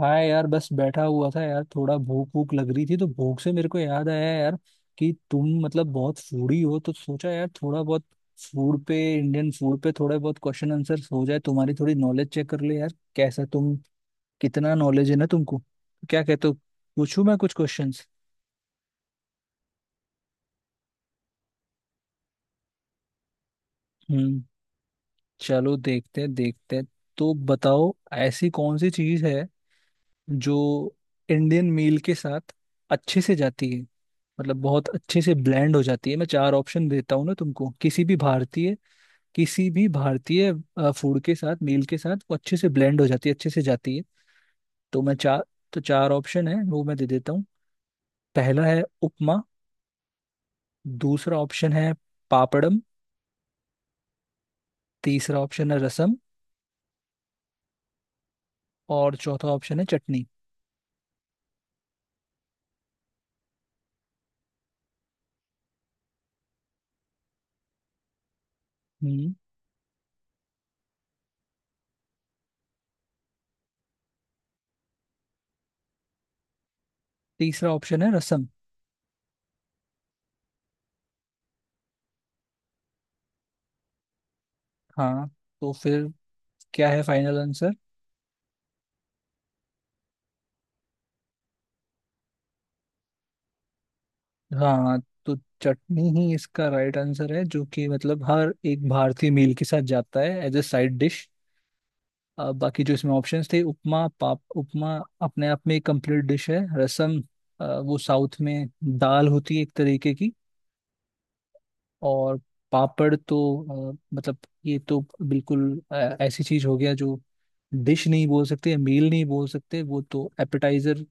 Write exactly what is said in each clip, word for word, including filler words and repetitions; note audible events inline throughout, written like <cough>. हाँ यार, बस बैठा हुआ था यार। थोड़ा भूख भूख लग रही थी, तो भूख से मेरे को याद आया यार कि तुम मतलब बहुत फूडी हो, तो सोचा यार थोड़ा बहुत फूड पे, इंडियन फूड पे थोड़े बहुत क्वेश्चन आंसर हो जाए, तुम्हारी थोड़ी नॉलेज चेक कर ले यार, कैसा तुम कितना नॉलेज है ना तुमको। क्या कहते हो, पूछूं मैं कुछ क्वेश्चंस? हम्म। चलो, देखते हैं देखते हैं। तो बताओ, ऐसी कौन सी चीज है जो इंडियन मील के साथ अच्छे से जाती है, मतलब बहुत अच्छे से ब्लेंड हो जाती है। मैं चार ऑप्शन देता हूँ ना तुमको, किसी भी भारतीय, किसी भी भारतीय फूड के साथ, मील के साथ वो अच्छे से ब्लेंड हो जाती है, अच्छे से जाती है। तो मैं चार तो चार ऑप्शन है वो मैं दे देता हूँ। पहला है उपमा, दूसरा ऑप्शन है पापड़म, तीसरा ऑप्शन है रसम, और चौथा ऑप्शन है चटनी। हम्म। तीसरा ऑप्शन है रसम। हाँ, तो फिर क्या है फाइनल आंसर? हाँ, तो चटनी ही इसका राइट आंसर है, जो कि मतलब हर एक भारतीय मील के साथ जाता है एज ए साइड डिश। बाकी जो इसमें ऑप्शंस थे, उपमा, पाप उपमा अपने आप में एक कंप्लीट डिश है। रसम अ, वो साउथ में दाल होती है एक तरीके की। और पापड़ तो अ, मतलब ये तो बिल्कुल अ, ऐसी चीज हो गया जो डिश नहीं बोल सकते, मील नहीं बोल सकते, वो तो एपेटाइजर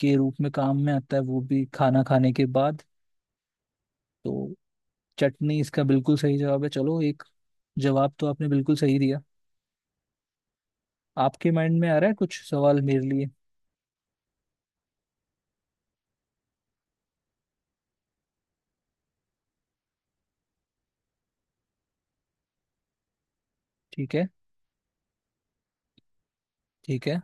के रूप में काम में आता है, वो भी खाना खाने के बाद। तो चटनी इसका बिल्कुल सही जवाब है। चलो, एक जवाब तो आपने बिल्कुल सही दिया। आपके माइंड में आ रहा है कुछ सवाल मेरे लिए? ठीक है। ठीक है।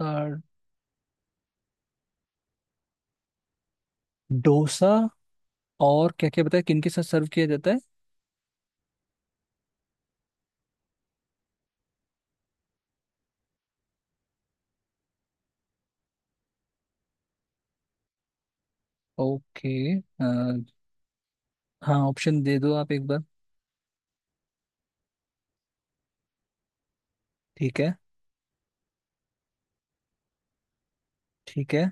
और डोसा और क्या क्या बताया किन के साथ सर्व किया जाता है? ओके। अ, हाँ, ऑप्शन दे दो आप एक बार। ठीक है। ठीक है।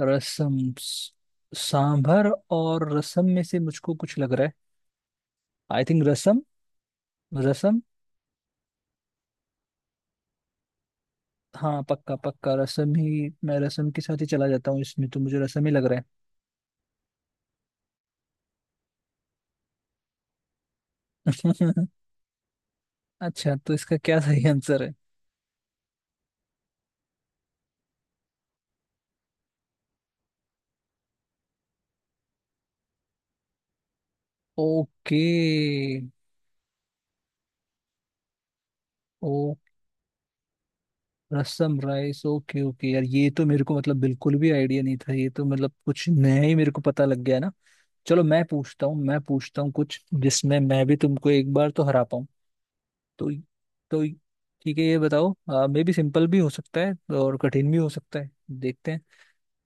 रसम स- सांभर और रसम में से मुझको कुछ लग रहा है। आई थिंक रसम। रसम। हाँ, पक्का पक्का, रसम ही, मैं रसम के साथ ही चला जाता हूँ, इसमें तो मुझे रसम ही लग रहा है। <laughs> अच्छा, तो इसका क्या सही आंसर है? ओके। ओ, रसम राइस। ओके ओके यार, ये तो मेरे को मतलब बिल्कुल भी आइडिया नहीं था। ये तो मतलब कुछ नया ही मेरे को पता लग गया ना। चलो, मैं पूछता हूँ, मैं पूछता हूँ कुछ जिसमें मैं भी तुमको एक बार तो हरा पाऊँ। तो तो ठीक है, ये बताओ। मे भी सिंपल भी हो सकता है और कठिन भी हो सकता है। देखते हैं।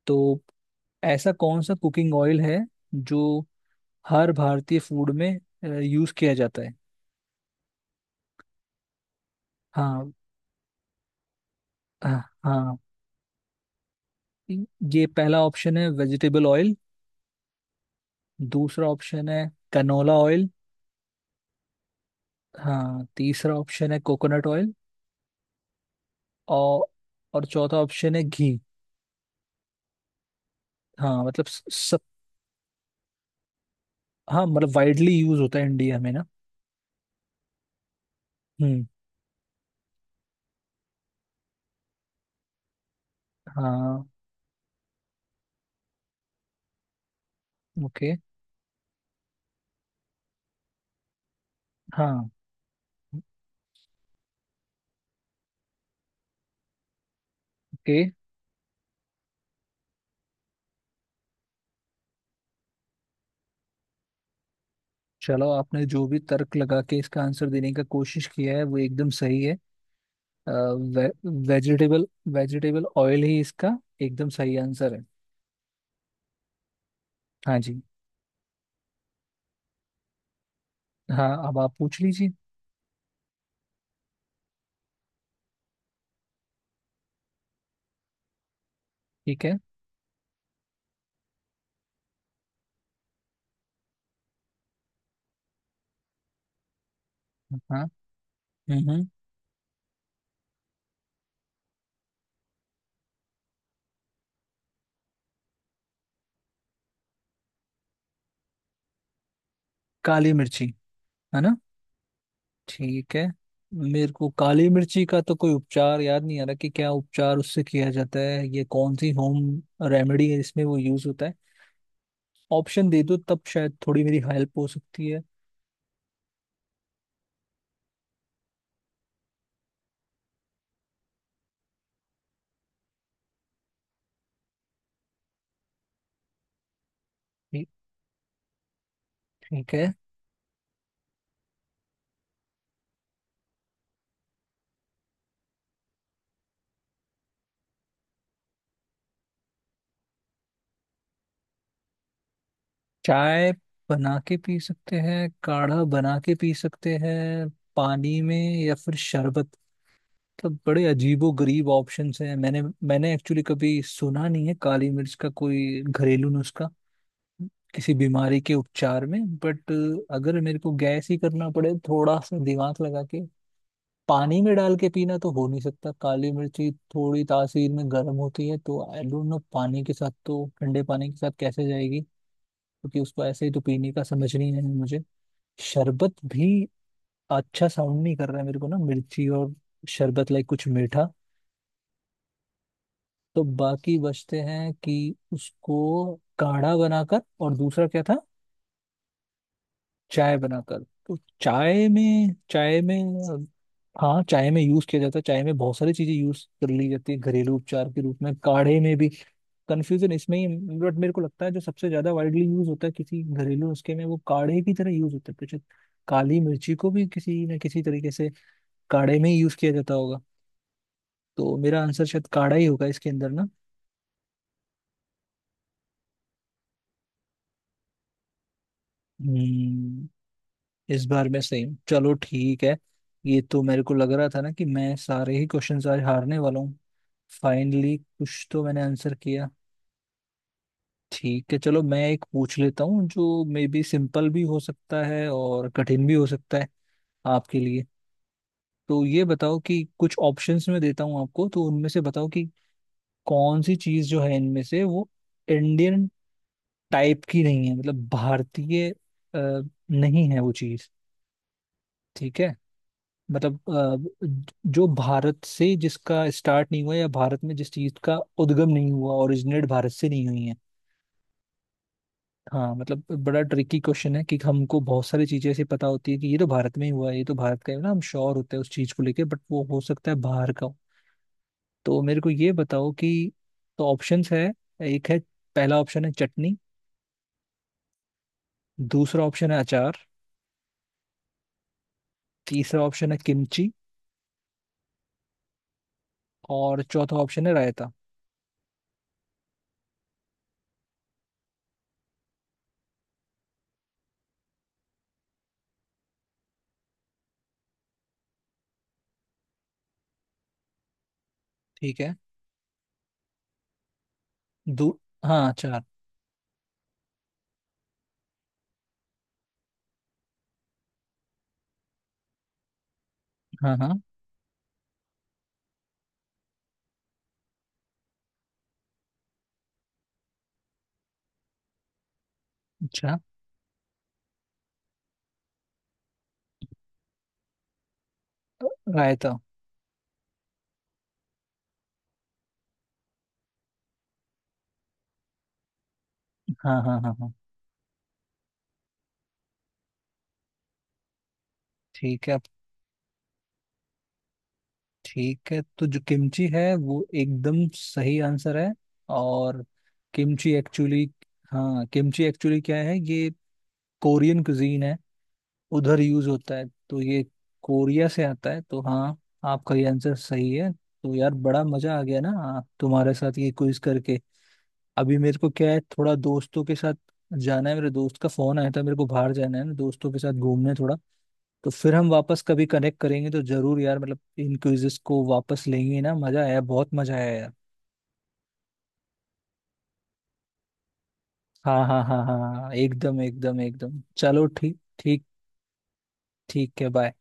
तो ऐसा कौन सा कुकिंग ऑयल है जो हर भारतीय फूड में यूज किया जाता है? हाँ हाँ। ये पहला ऑप्शन है वेजिटेबल ऑयल, दूसरा ऑप्शन है कनोला ऑयल, हाँ, तीसरा ऑप्शन है कोकोनट ऑयल, और और चौथा ऑप्शन है घी। हाँ मतलब स- सब। हाँ मतलब वाइडली यूज होता है इंडिया में ना। हम्म। हाँ। ओके। हाँ। ओके। चलो, आपने जो भी तर्क लगा के इसका आंसर देने का कोशिश किया है वो एकदम सही है। अ, वे, वेजिटेबल, वेजिटेबल ऑयल ही इसका एकदम सही आंसर है। हाँ जी। हाँ, अब आप पूछ लीजिए। ठीक है। हाँ। हम्म हम्म। काली मिर्ची है ना? ठीक है। मेरे को काली मिर्ची का तो कोई उपचार याद नहीं आ रहा कि क्या उपचार उससे किया जाता है, ये कौन सी होम रेमेडी है जिसमें वो यूज होता है। ऑप्शन दे दो तब शायद थोड़ी मेरी हेल्प हो सकती है। ठीक। ठीक है। चाय बना के पी सकते हैं, काढ़ा बना के पी सकते हैं, पानी में, या फिर शरबत। मतलब बड़े अजीबो गरीब ऑप्शंस हैं। मैंने मैंने एक्चुअली कभी सुना नहीं है काली मिर्च का कोई घरेलू नुस्खा किसी बीमारी के उपचार में। बट अगर मेरे को गैस ही करना पड़े थोड़ा सा दिमाग लगा के, पानी में डाल के पीना तो हो नहीं सकता, काली मिर्ची थोड़ी तासीर में गर्म होती है, तो आई डोंट नो पानी के साथ, तो ठंडे पानी के साथ कैसे जाएगी? क्योंकि उसको ऐसे ही तो पीने का समझ नहीं है मुझे। शरबत भी अच्छा साउंड नहीं कर रहा है मेरे को ना, मिर्ची और शरबत लाइक कुछ मीठा। तो बाकी बचते हैं कि उसको काढ़ा बनाकर, और दूसरा क्या था, चाय बनाकर। तो चाय में चाय में अ, हाँ, चाय में यूज किया जाता है, चाय में बहुत सारी चीजें यूज कर ली जाती है घरेलू उपचार के रूप में, काढ़े में भी। कंफ्यूजन इसमें ही। बट मेरे को लगता है जो सबसे ज्यादा वाइडली यूज होता है किसी घरेलू उसके में, वो काढ़े की तरह यूज होता है। कुछ काली मिर्ची को भी किसी न किसी तरीके से काढ़े में ही यूज किया जाता होगा। तो मेरा आंसर शायद काढ़ा ही होगा इसके अंदर ना। हम्म। इस बार मैं सेम, चलो ठीक है। ये तो मेरे को लग रहा था ना कि मैं सारे ही क्वेश्चंस आज हारने वाला हूँ। फाइनली कुछ तो मैंने आंसर किया। ठीक है, चलो मैं एक पूछ लेता हूँ जो मे बी सिंपल भी हो सकता है और कठिन भी हो सकता है आपके लिए। तो ये बताओ, कि कुछ ऑप्शंस में देता हूँ आपको, तो उनमें से बताओ कि कौन सी चीज़ जो है इनमें से वो इंडियन टाइप की नहीं है, मतलब भारतीय अ, नहीं है वो चीज़। ठीक है। मतलब अ, जो भारत से जिसका स्टार्ट नहीं हुआ, या भारत में जिस चीज का उद्गम नहीं हुआ, ओरिजिनेट भारत से नहीं हुई है। हाँ मतलब बड़ा ट्रिकी क्वेश्चन है कि हमको बहुत सारी चीजें ऐसी पता होती है कि ये तो भारत में ही हुआ है, ये तो भारत का है ना, हम श्योर होते हैं उस चीज को लेके, बट वो हो सकता है बाहर का हो। तो मेरे को ये बताओ कि, तो ऑप्शंस है, एक है, पहला ऑप्शन है चटनी, दूसरा ऑप्शन है अचार, तीसरा ऑप्शन है किमची, और चौथा ऑप्शन है रायता। ठीक है। दू हाँ, अचार। हाँ हाँ। अच्छा। रायता। हाँ हाँ हाँ हाँ। ठीक है अब। ठीक है, तो जो किमची है वो एकदम सही आंसर है। और किमची एक्चुअली, हाँ, किमची एक्चुअली क्या है ये, कोरियन कुजीन है, उधर यूज होता है, तो ये कोरिया से आता है, तो हाँ, आपका ये आंसर सही है। तो यार बड़ा मजा आ गया ना हाँ, तुम्हारे साथ ये क्विज करके। अभी मेरे को क्या है, थोड़ा दोस्तों के साथ जाना है, मेरे दोस्त का फोन आया था, मेरे को बाहर जाना है ना, दोस्तों के साथ घूमने थोड़ा। तो फिर हम वापस कभी कनेक्ट करेंगे तो जरूर यार, मतलब इन क्विजेस को वापस लेंगे ना। मजा आया, बहुत मजा आया यार। हाँ हाँ हाँ हाँ हाँ, हाँ, एकदम एकदम एकदम, चलो ठीक ठीक। ठीक है, बाय।